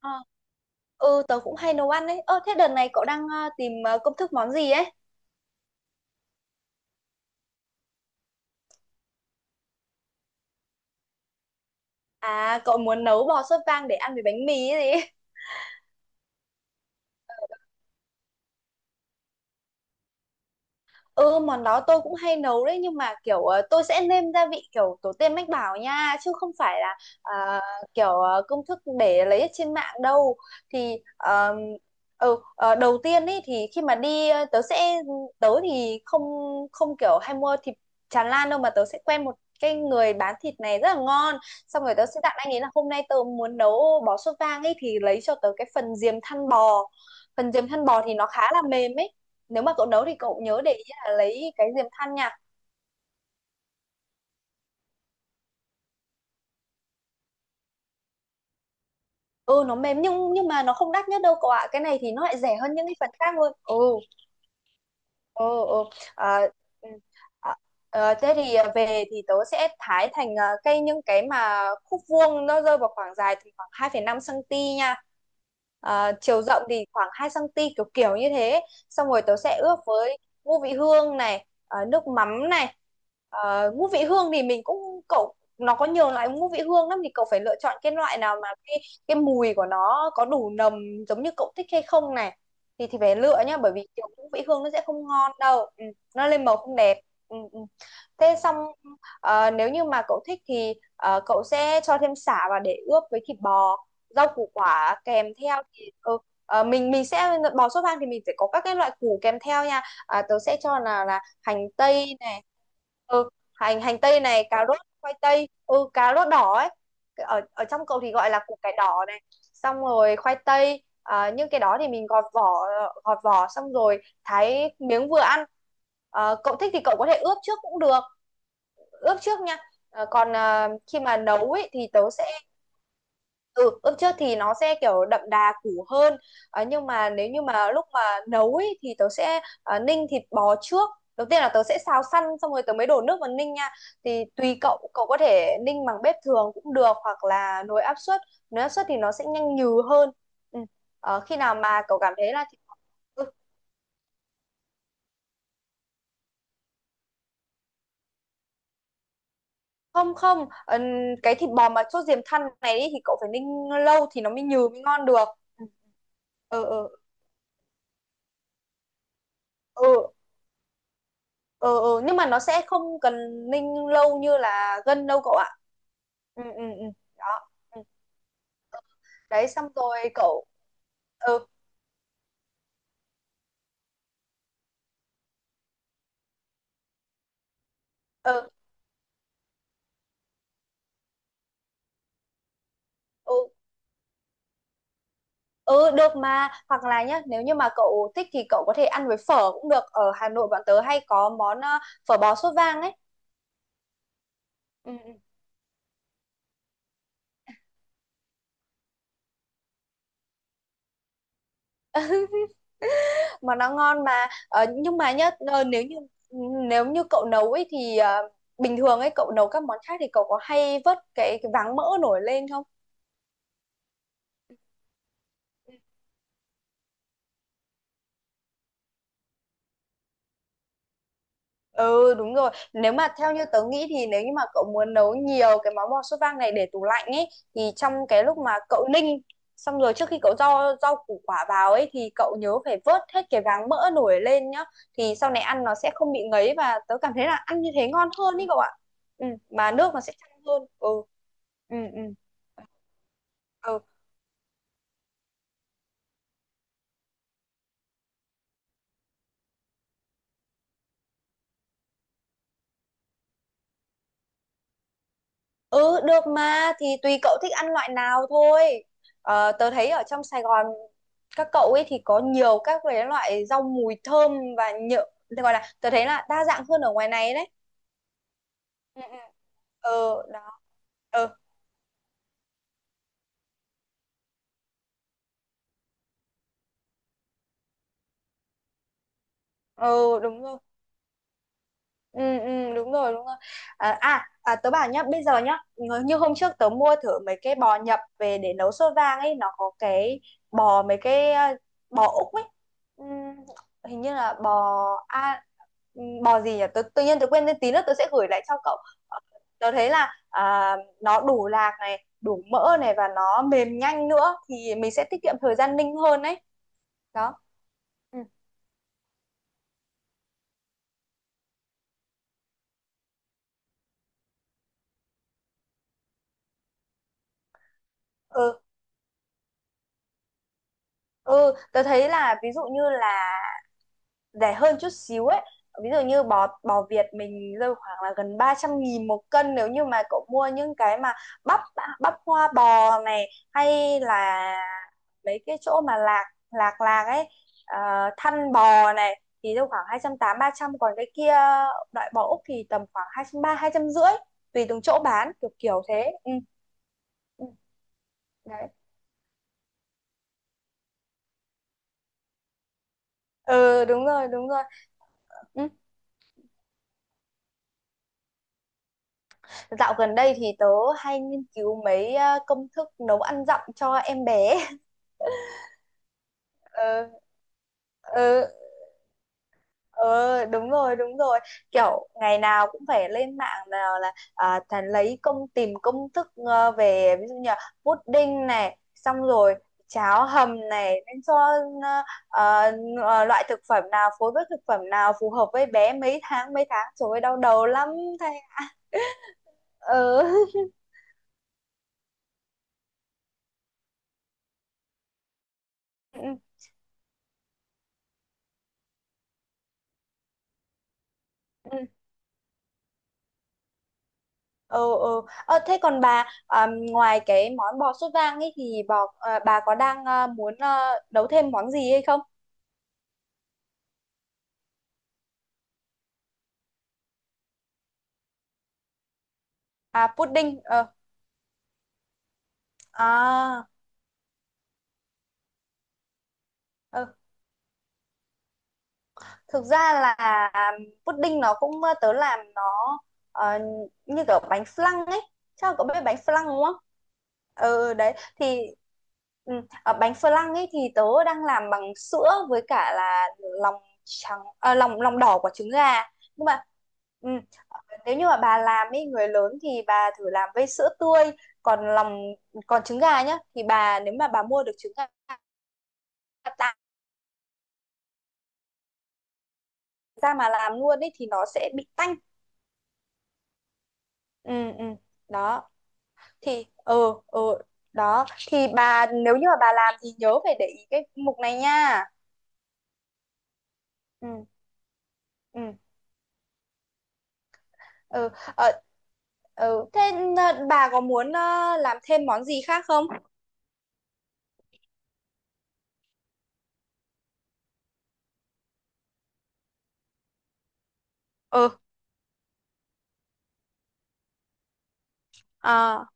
Ờ, tớ cũng hay nấu ăn đấy. Ơ, thế đợt này cậu đang tìm công thức món gì ấy? À, cậu muốn nấu bò sốt vang để ăn với bánh mì ấy gì Ừ, món đó tôi cũng hay nấu đấy, nhưng mà kiểu tôi sẽ nêm gia vị kiểu tổ tiên mách bảo nha, chứ không phải là à, kiểu công thức để lấy ở trên mạng đâu. Thì ờ, ừ, ờ, Đầu tiên ấy thì khi mà đi tớ sẽ, tớ thì không không kiểu hay mua thịt tràn lan đâu, mà tớ sẽ quen một cái người bán thịt này rất là ngon. Xong rồi tớ sẽ dặn anh ấy là hôm nay tớ muốn nấu bò sốt vang ấy, thì lấy cho tớ cái phần diềm thăn bò. Phần diềm thăn bò thì nó khá là mềm ấy, nếu mà cậu nấu thì cậu nhớ để là lấy cái diềm than nha. Ừ, nó mềm nhưng mà nó không đắt nhất đâu cậu ạ. Cái này thì nó lại rẻ hơn những cái phần khác luôn. Ừ. Ồ, ồ. À, ừ. à, thế thì về thì tớ sẽ thái thành cây, những cái mà khúc vuông nó rơi vào khoảng dài thì khoảng 2,5 cm nha. À, chiều rộng thì khoảng 2cm, kiểu kiểu như thế. Xong rồi tớ sẽ ướp với ngũ vị hương này, nước mắm này. À, ngũ vị hương thì mình cũng cậu nó có nhiều loại ngũ vị hương lắm, thì cậu phải lựa chọn cái loại nào mà cái mùi của nó có đủ nồng giống như cậu thích hay không này, thì phải lựa nhá, bởi vì kiểu ngũ vị hương nó sẽ không ngon đâu. Ừ, nó lên màu không đẹp. Ừ, ừ. Thế xong, nếu như mà cậu thích thì cậu sẽ cho thêm sả vào để ướp với thịt bò. Rau củ quả kèm theo thì mình sẽ, bò sốt vang thì mình sẽ có các cái loại củ kèm theo nha. Tớ sẽ cho là hành tây này. Hành hành tây này, cà rốt, khoai tây, cà rốt đỏ ấy, ở ở trong cậu thì gọi là củ cải đỏ này, xong rồi khoai tây. À, nhưng cái đó thì mình gọt vỏ, gọt vỏ xong rồi thái miếng vừa ăn. Ờ, cậu thích thì cậu có thể ướp trước cũng được, ướp trước nha. Còn khi mà nấu ấy thì tớ sẽ, ừ, ướp trước thì nó sẽ kiểu đậm đà củ hơn. Nhưng mà nếu như mà lúc mà nấu ấy thì tớ sẽ ninh thịt bò trước. Đầu tiên là tớ sẽ xào săn, xong rồi tớ mới đổ nước vào ninh nha. Thì tùy cậu cậu có thể ninh bằng bếp thường cũng được, hoặc là nồi áp suất. Nếu áp suất thì nó sẽ nhanh nhừ hơn. Ừ. Khi nào mà cậu cảm thấy là thịt, ừ, không không, cái thịt bò mà sốt diềm thăn này ý, thì cậu phải ninh lâu thì nó mới nhừ, mới ngon được. Ừ, ừ, ừ, ừ, ừ, ừ. Nhưng mà nó sẽ không cần ninh lâu như là gân đâu cậu ạ. Ừ, ừ, ừ. Đó. Ừ. Đấy xong rồi cậu, ừ, ừ, ừ, ừ, được mà. Hoặc là nhá, nếu như mà cậu thích thì cậu có thể ăn với phở cũng được. Ở Hà Nội bọn tớ hay có món phở bò sốt vang ấy. Ừ, ừ. Mà nó ngon mà. Ờ, nhưng mà nhá, nếu như cậu nấu ấy thì, bình thường ấy cậu nấu các món khác thì cậu có hay vớt cái váng mỡ nổi lên không? Ừ, đúng rồi. Nếu mà theo như tớ nghĩ thì nếu như mà cậu muốn nấu nhiều cái món bò sốt vang này để tủ lạnh ấy, thì trong cái lúc mà cậu ninh xong rồi, trước khi cậu rau rau củ quả vào ấy, thì cậu nhớ phải vớt hết cái váng mỡ nổi lên nhá. Thì sau này ăn nó sẽ không bị ngấy. Và tớ cảm thấy là ăn như thế ngon hơn ý cậu ạ. Ừ, mà nước nó sẽ trong hơn. Ừ, ừ, ừ, ừ. Ừ, được mà, thì tùy cậu thích ăn loại nào thôi. Tớ thấy ở trong Sài Gòn các cậu ấy thì có nhiều các cái loại rau mùi thơm và nhựa, tớ thấy là đa dạng hơn ở ngoài này đấy. Ừ, ừ. Ừ, đó. Ừ, ừ, đúng rồi. Ừ, ừ, đúng rồi, đúng rồi. Tớ bảo nhá, bây giờ nhá, như hôm trước tớ mua thử mấy cái bò nhập về để nấu sốt vang ấy, nó có cái bò mấy cái à, bò Úc ấy. Ừm, Hình như là bò, a bò gì nhỉ, tự nhiên tớ quên tên, tí nữa tớ sẽ gửi lại cho cậu. Ờ, tớ thấy là nó đủ lạc này, đủ mỡ này, và nó mềm nhanh nữa, thì mình sẽ tiết kiệm thời gian ninh hơn đấy. Đó. Ừ, ừ. Ừ, tớ thấy là ví dụ như là rẻ hơn chút xíu ấy. Ví dụ như bò bò Việt mình rơi khoảng là gần 300.000 một cân, nếu như mà cậu mua những cái mà bắp bắp hoa bò này, hay là mấy cái chỗ mà lạc lạc lạc ấy, ờ, thăn bò này, thì rơi khoảng 280, 300. Còn cái kia, loại bò Úc thì tầm khoảng hai hai trăm ba mươi, 250, tùy từng chỗ bán, kiểu kiểu thế. Ừ. Ừ, đấy. Ừ, đúng rồi, đúng rồi. Ừ. Dạo gần đây thì tớ hay nghiên cứu mấy công thức nấu ăn dặm cho em bé. Ờ, ừ, ừ, đúng rồi, đúng rồi. Kiểu ngày nào cũng phải lên mạng, nào là thà lấy công tìm công thức về ví dụ như là pudding này, xong rồi cháo hầm này, nên cho ờ, ờ, loại thực phẩm nào phối với thực phẩm nào phù hợp với bé mấy tháng, mấy tháng, trời ơi đau đầu lắm. Thầy. Ừ. Ừ, ừ. Ờ, Thế còn bà, ngoài cái món bò sốt vang ấy thì bà có đang muốn nấu thêm món gì hay không? À pudding ờ à, ờ. Thực ra là pudding nó cũng, tớ làm nó ờ, như kiểu bánh flan ấy. Chắc là cậu biết bánh flan đúng không? Ừ đấy. Thì ừ, ở bánh flan ấy thì tớ đang làm bằng sữa với cả là lòng trắng, lòng lòng đỏ của trứng gà. Nhưng mà ừ, nếu như mà bà làm ấy, người lớn, thì bà thử làm với sữa tươi. Còn lòng, còn trứng gà nhá, thì bà, nếu mà bà mua được trứng gà tạo ra mà làm luôn ấy thì nó sẽ bị tanh. Ừ, ừ. Đó thì ừ, ừ. Đó thì bà, nếu như mà bà làm thì nhớ phải để ý cái mục này nha. Ừ, ừ, ừ. ờ, ừ thế, bà có muốn làm thêm món gì khác không? Ừ. à,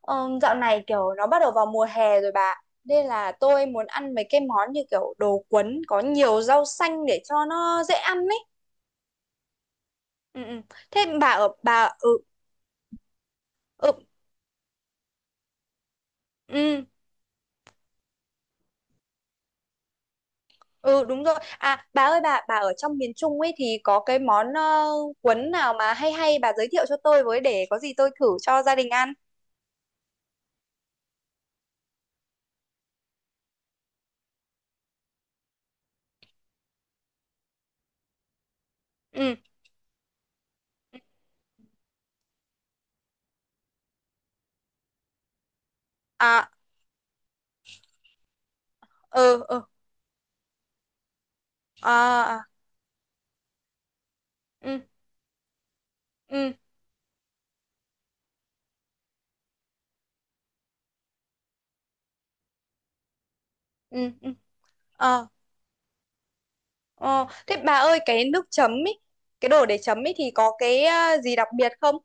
ờ, Dạo này kiểu nó bắt đầu vào mùa hè rồi bà, nên là tôi muốn ăn mấy cái món như kiểu đồ cuốn có nhiều rau xanh để cho nó dễ ăn ấy. Ừ, ừ. Thế bà ở bà, ừ, ừ, ừ. Ừ, đúng rồi. À bà ơi, bà ở trong miền Trung ấy thì có cái món cuốn nào mà hay hay bà giới thiệu cho tôi với, để có gì tôi thử cho gia đình ăn. Ừ. À, ừ, ừ, à, à, ừ, ừ, ừ, ừ. Ờ, ờ. Thế bà ơi, cái nước chấm ấy, cái đồ để chấm ấy thì có cái gì đặc biệt không?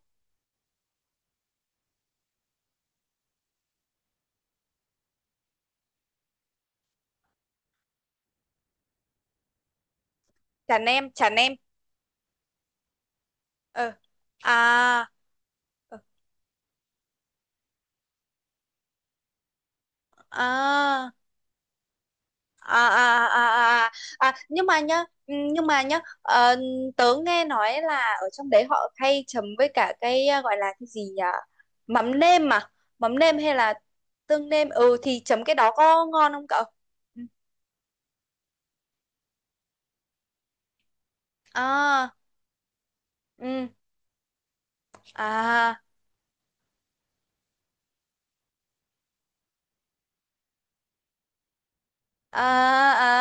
Chả nem, chả nem. Ờ. À, ờ, à à, à, à, à. À nhưng mà nhá, nhưng mà nhá, tớ nghe nói là ở trong đấy họ hay chấm với cả cái gọi là cái gì nhỉ, mắm nêm mà, mắm nêm hay là tương nêm, ừ, thì chấm cái đó có ngon không cậu? Ừ. À, ừ, à, à.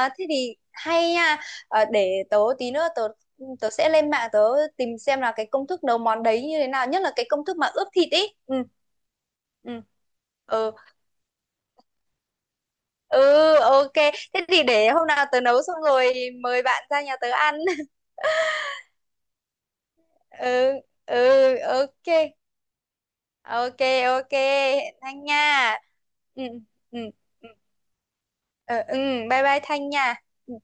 À thế thì hay nha. Ờ, để tớ tí nữa tớ, tớ sẽ lên mạng, tớ tìm xem là cái công thức nấu món đấy như thế nào, nhất là cái công thức mà ướp thịt ý. Ừ, ừ, ừ, ừ, ok. Thế thì để hôm nào tớ nấu xong rồi mời bạn ra nhà tớ ăn. Ừ, ừ. Ok, ok, ok. Thanh nha. Ừ, ừ, ừ, ừ, ừ, bye bye Thanh nha. Ừ.